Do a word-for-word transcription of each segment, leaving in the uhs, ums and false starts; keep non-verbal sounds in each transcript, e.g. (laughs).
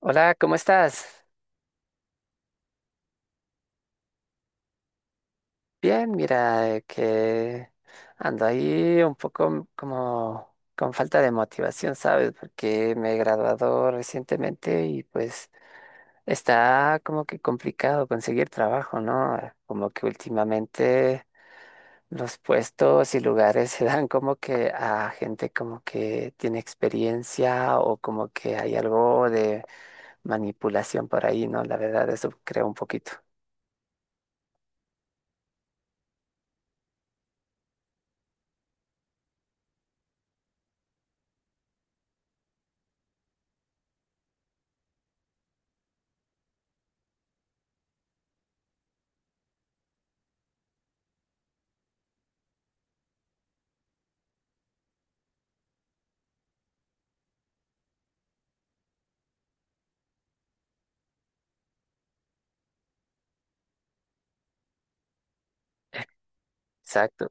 Hola, ¿cómo estás? Bien, mira, eh, que ando ahí un poco como con falta de motivación, ¿sabes? Porque me he graduado recientemente y pues está como que complicado conseguir trabajo, ¿no? Eh, Como que últimamente los puestos y lugares (laughs) se dan como que a gente como que tiene experiencia o como que hay algo de manipulación por ahí, ¿no? La verdad, eso creo un poquito. Exacto.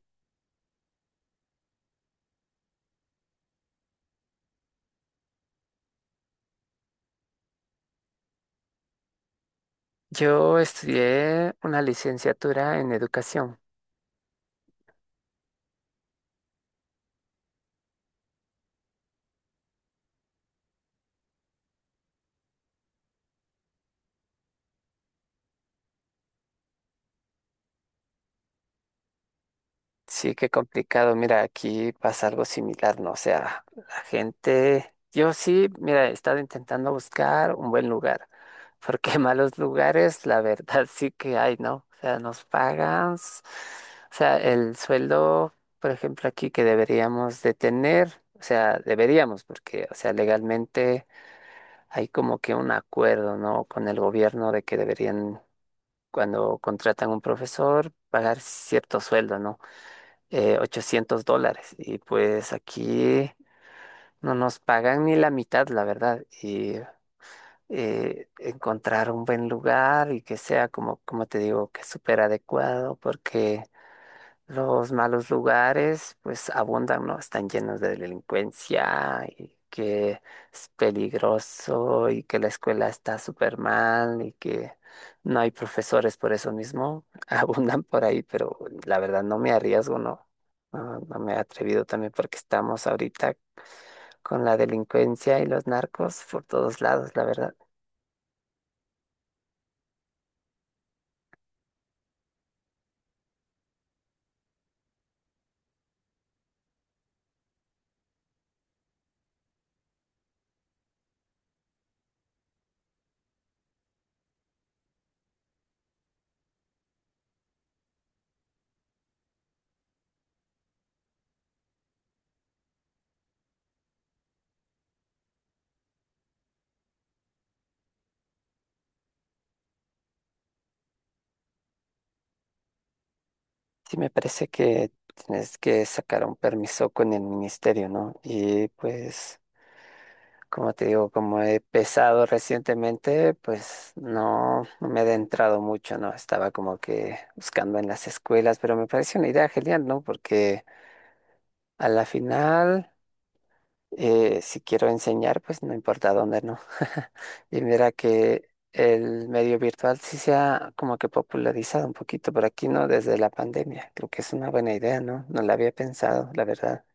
Yo estudié una licenciatura en educación. Sí, qué complicado. Mira, aquí pasa algo similar, ¿no? O sea, la gente, yo sí, mira, he estado intentando buscar un buen lugar, porque (laughs) malos lugares, la verdad, sí que hay, ¿no? O sea, nos pagan, s- o sea, el sueldo, por ejemplo, aquí que deberíamos de tener, o sea, deberíamos, porque, o sea, legalmente hay como que un acuerdo, ¿no? Con el gobierno de que deberían cuando contratan un profesor, pagar cierto sueldo, ¿no? Eh, ochocientos dólares. Y pues aquí no nos pagan ni la mitad, la verdad. Y eh, encontrar un buen lugar y que sea, como, como te digo, que súper adecuado, porque los malos lugares, pues abundan, ¿no? Están llenos de delincuencia y que es peligroso y que la escuela está súper mal y que no hay profesores por eso mismo. (laughs) Abundan por ahí, pero la verdad no me arriesgo, ¿no? No, no me he atrevido también porque estamos ahorita con la delincuencia y los narcos por todos lados, la verdad. Sí, me parece que tienes que sacar un permiso con el ministerio, ¿no? Y pues... Como te digo, como he pesado recientemente, pues no, no me he adentrado mucho, ¿no? Estaba como que buscando en las escuelas, pero me parece una idea genial, ¿no? Porque a la final, eh, si quiero enseñar, pues no importa dónde, ¿no? (laughs) Y mira que el medio virtual sí se ha como que popularizado un poquito por aquí, ¿no? Desde la pandemia. Creo que es una buena idea, ¿no? No la había pensado, la verdad.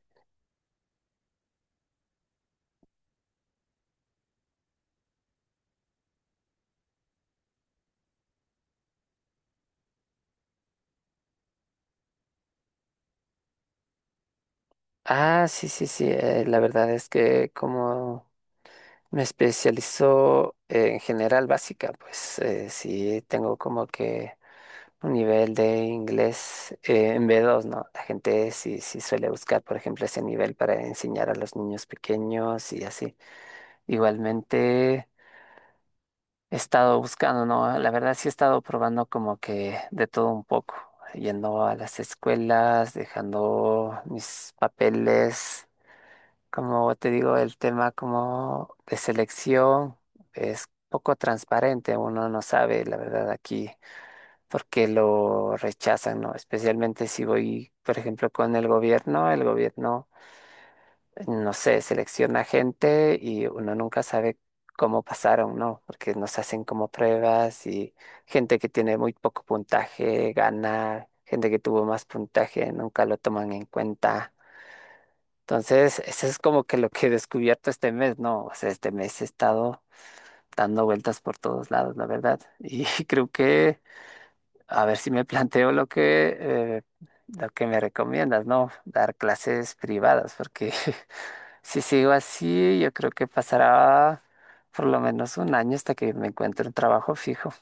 Ah, sí, sí, sí. eh, la verdad es que como... Me especializo eh, en general básica, pues eh, sí tengo como que un nivel de inglés eh, en B dos, ¿no? La gente sí, sí suele buscar, por ejemplo, ese nivel para enseñar a los niños pequeños y así. Igualmente he estado buscando, ¿no? La verdad sí he estado probando como que de todo un poco, yendo a las escuelas, dejando mis papeles como te digo, el tema como de selección es poco transparente, uno no sabe la verdad aquí por qué lo rechazan, ¿no? Especialmente si voy, por ejemplo, con el gobierno, el gobierno, no sé, selecciona gente y uno nunca sabe cómo pasaron, ¿no? Porque nos hacen como pruebas y gente que tiene muy poco puntaje gana, gente que tuvo más puntaje nunca lo toman en cuenta. Entonces, eso es como que lo que he descubierto este mes, ¿no? O sea, este mes he estado dando vueltas por todos lados, la verdad. Y (laughs) creo que, a ver si me planteo lo que, eh, lo que me recomiendas, ¿no? Dar clases privadas, porque (laughs) si sigo así, yo creo que pasará por lo menos un año hasta que me encuentre un trabajo fijo.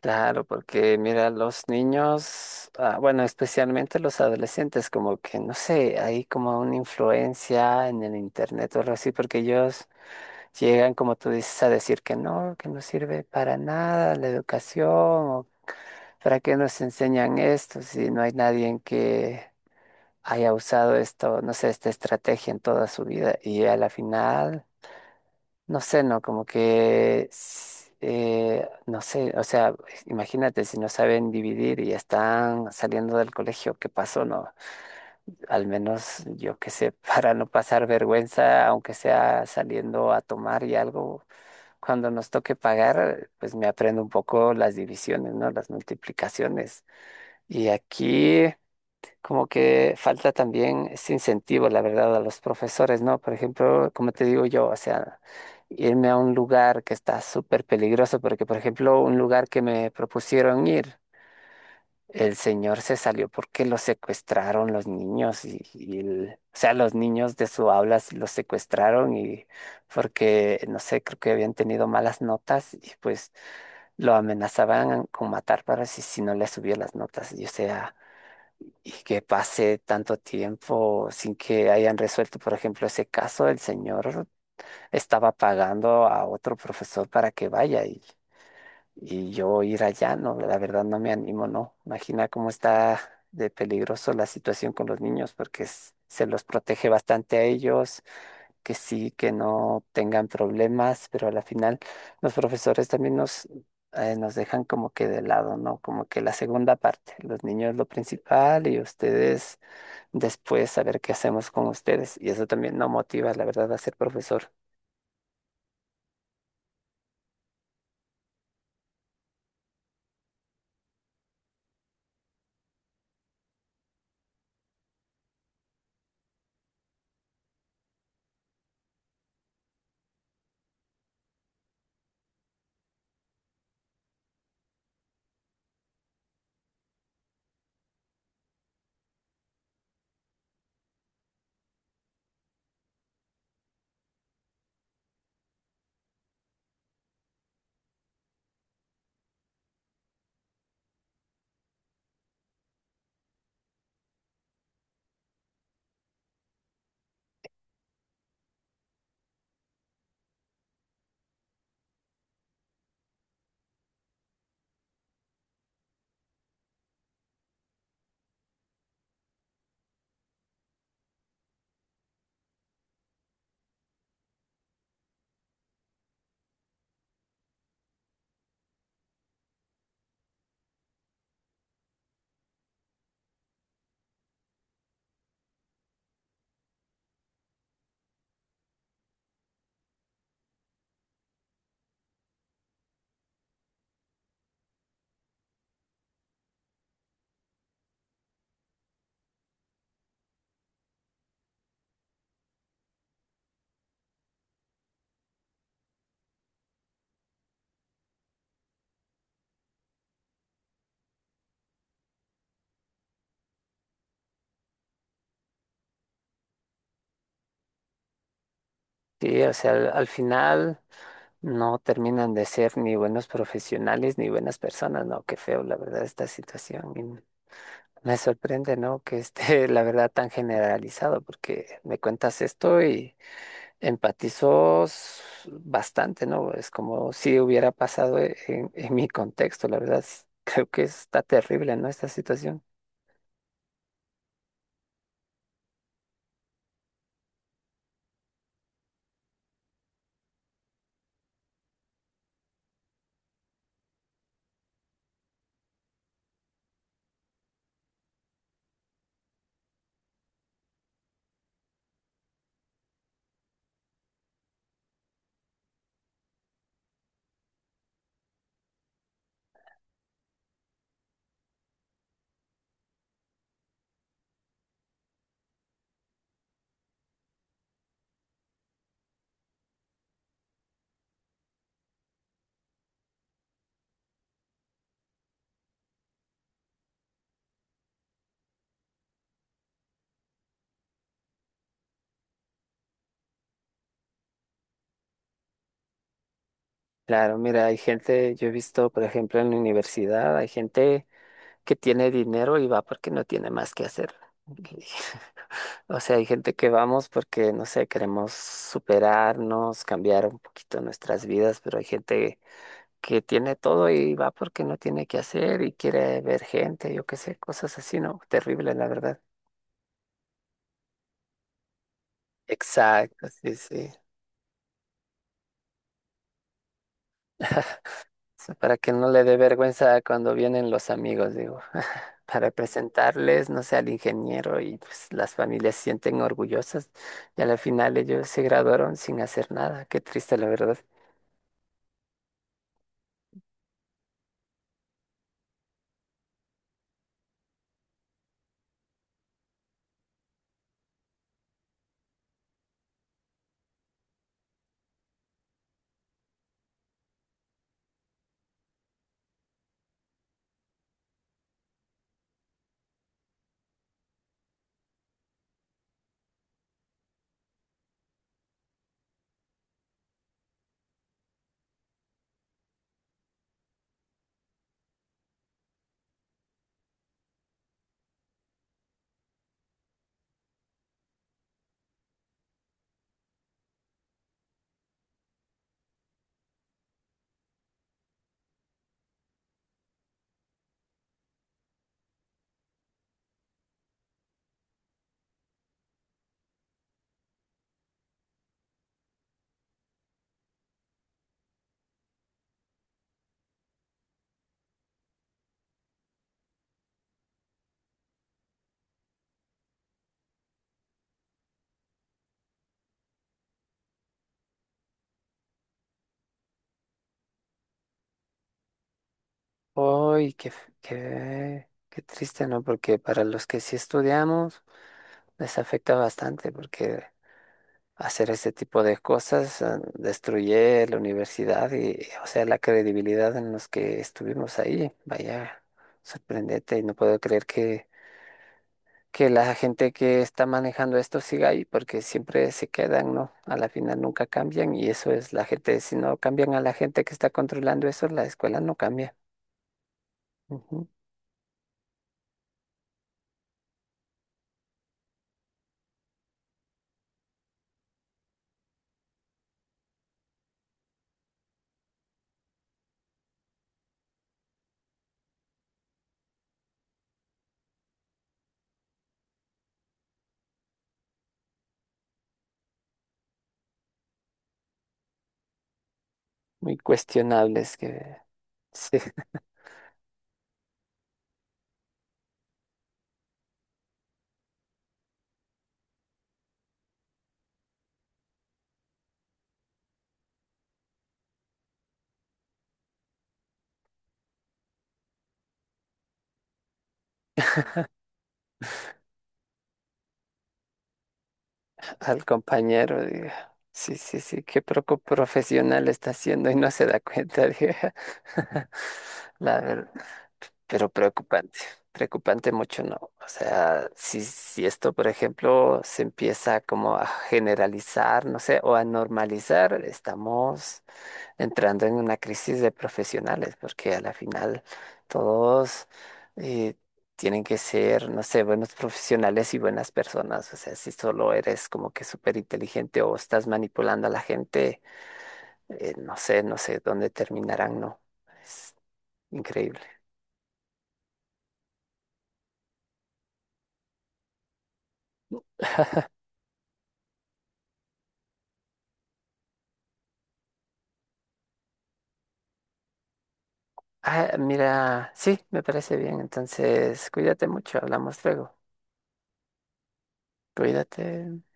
Claro, porque mira, los niños, ah, bueno, especialmente los adolescentes, como que no sé, hay como una influencia en el internet o algo así, porque ellos llegan, como tú dices, a decir que no, que no sirve para nada la educación, o para qué nos enseñan esto si no hay nadie en que haya usado esto, no sé, esta estrategia en toda su vida, y a la final. No sé, no, como que, s- eh, no sé, o sea, imagínate si no saben dividir y están saliendo del colegio, ¿qué pasó? No, al menos yo qué sé, (laughs) para no pasar vergüenza, aunque sea saliendo a tomar y algo, cuando nos toque pagar, pues me aprendo un poco las divisiones, ¿no? Las multiplicaciones. Y aquí como que falta también ese incentivo, la verdad, a los profesores, ¿no? Por ejemplo, como te digo yo, o sea, irme a un lugar que está súper peligroso, porque, por ejemplo, un lugar que me propusieron ir, el señor se salió porque lo secuestraron los niños, y, y el- o sea, los niños de su aula s- los secuestraron y porque, no sé, creo que habían tenido malas notas y pues lo amenazaban con matar para si, si no le subía las notas, y o sea y que pase tanto tiempo sin que hayan resuelto, por ejemplo, ese caso, el señor estaba pagando a otro profesor para que vaya y, y yo ir allá, no, la verdad no me animo, no. Imagina cómo está de peligroso la situación con los niños porque s- se los protege bastante a ellos, que sí, que no tengan problemas, pero a la final los profesores también nos... eh, nos dejan como que de lado, ¿no? Como que la segunda parte, los niños lo principal y ustedes después saber qué hacemos con ustedes. Y eso también no motiva, la verdad, a ser profesor. Sí, o sea, al, al final no terminan de ser ni buenos profesionales ni buenas personas, ¿no? Qué feo, la verdad, esta situación. Y me sorprende, ¿no? Que esté, (laughs) la verdad, tan generalizado, porque me cuentas esto y empatizo s- bastante, ¿no? Es como si hubiera pasado e- en, en mi contexto, la verdad. s- Creo que está terrible, ¿no? Esta situación. Claro, mira, hay gente, yo he visto, por ejemplo, en la universidad, hay gente que tiene dinero y va porque no tiene más que hacer. Y- (laughs) O sea, hay gente que vamos porque, no sé, queremos superarnos, cambiar un poquito nuestras vidas, pero hay gente que tiene todo y va porque no tiene que hacer y quiere ver gente, yo qué sé, cosas así, ¿no? Terrible, la verdad. Exacto, sí, sí. Sea, para que no le dé vergüenza cuando vienen los amigos, digo, (laughs) para presentarles, no sé, al ingeniero y pues las familias se sienten orgullosas y al final ellos se graduaron sin hacer nada. Qué triste, la verdad. Uy, qué, f- qué, qué triste, ¿no? Porque para los que sí estudiamos les afecta bastante porque hacer ese tipo de cosas eh, destruye la universidad y, o sea, la credibilidad en los que estuvimos ahí. Vaya, sorprendente y no puedo creer que que la gente que está manejando esto siga ahí, porque siempre se quedan, ¿no? A la final nunca cambian y eso es la gente, si no cambian a la gente que está controlando eso, la escuela no cambia. Ujú. Muy cuestionables que sí, (laughs) al compañero, diga, sí, sí, sí, qué poco profesional está haciendo y no se da cuenta, diga. (laughs) La verdad. Pero preocupante, preocupante mucho no. O sea, si, si esto, por ejemplo, se empieza como a generalizar, no sé, o a normalizar, estamos entrando en una crisis de profesionales, porque a la final todos eh, tienen que ser, no sé, buenos profesionales y buenas personas. O sea, si solo eres como que súper inteligente o estás manipulando a la gente, eh, no sé, no sé dónde terminarán, no. Es increíble. Ah, mira, sí, me parece bien. Entonces, cuídate mucho, hablamos luego. Cuídate.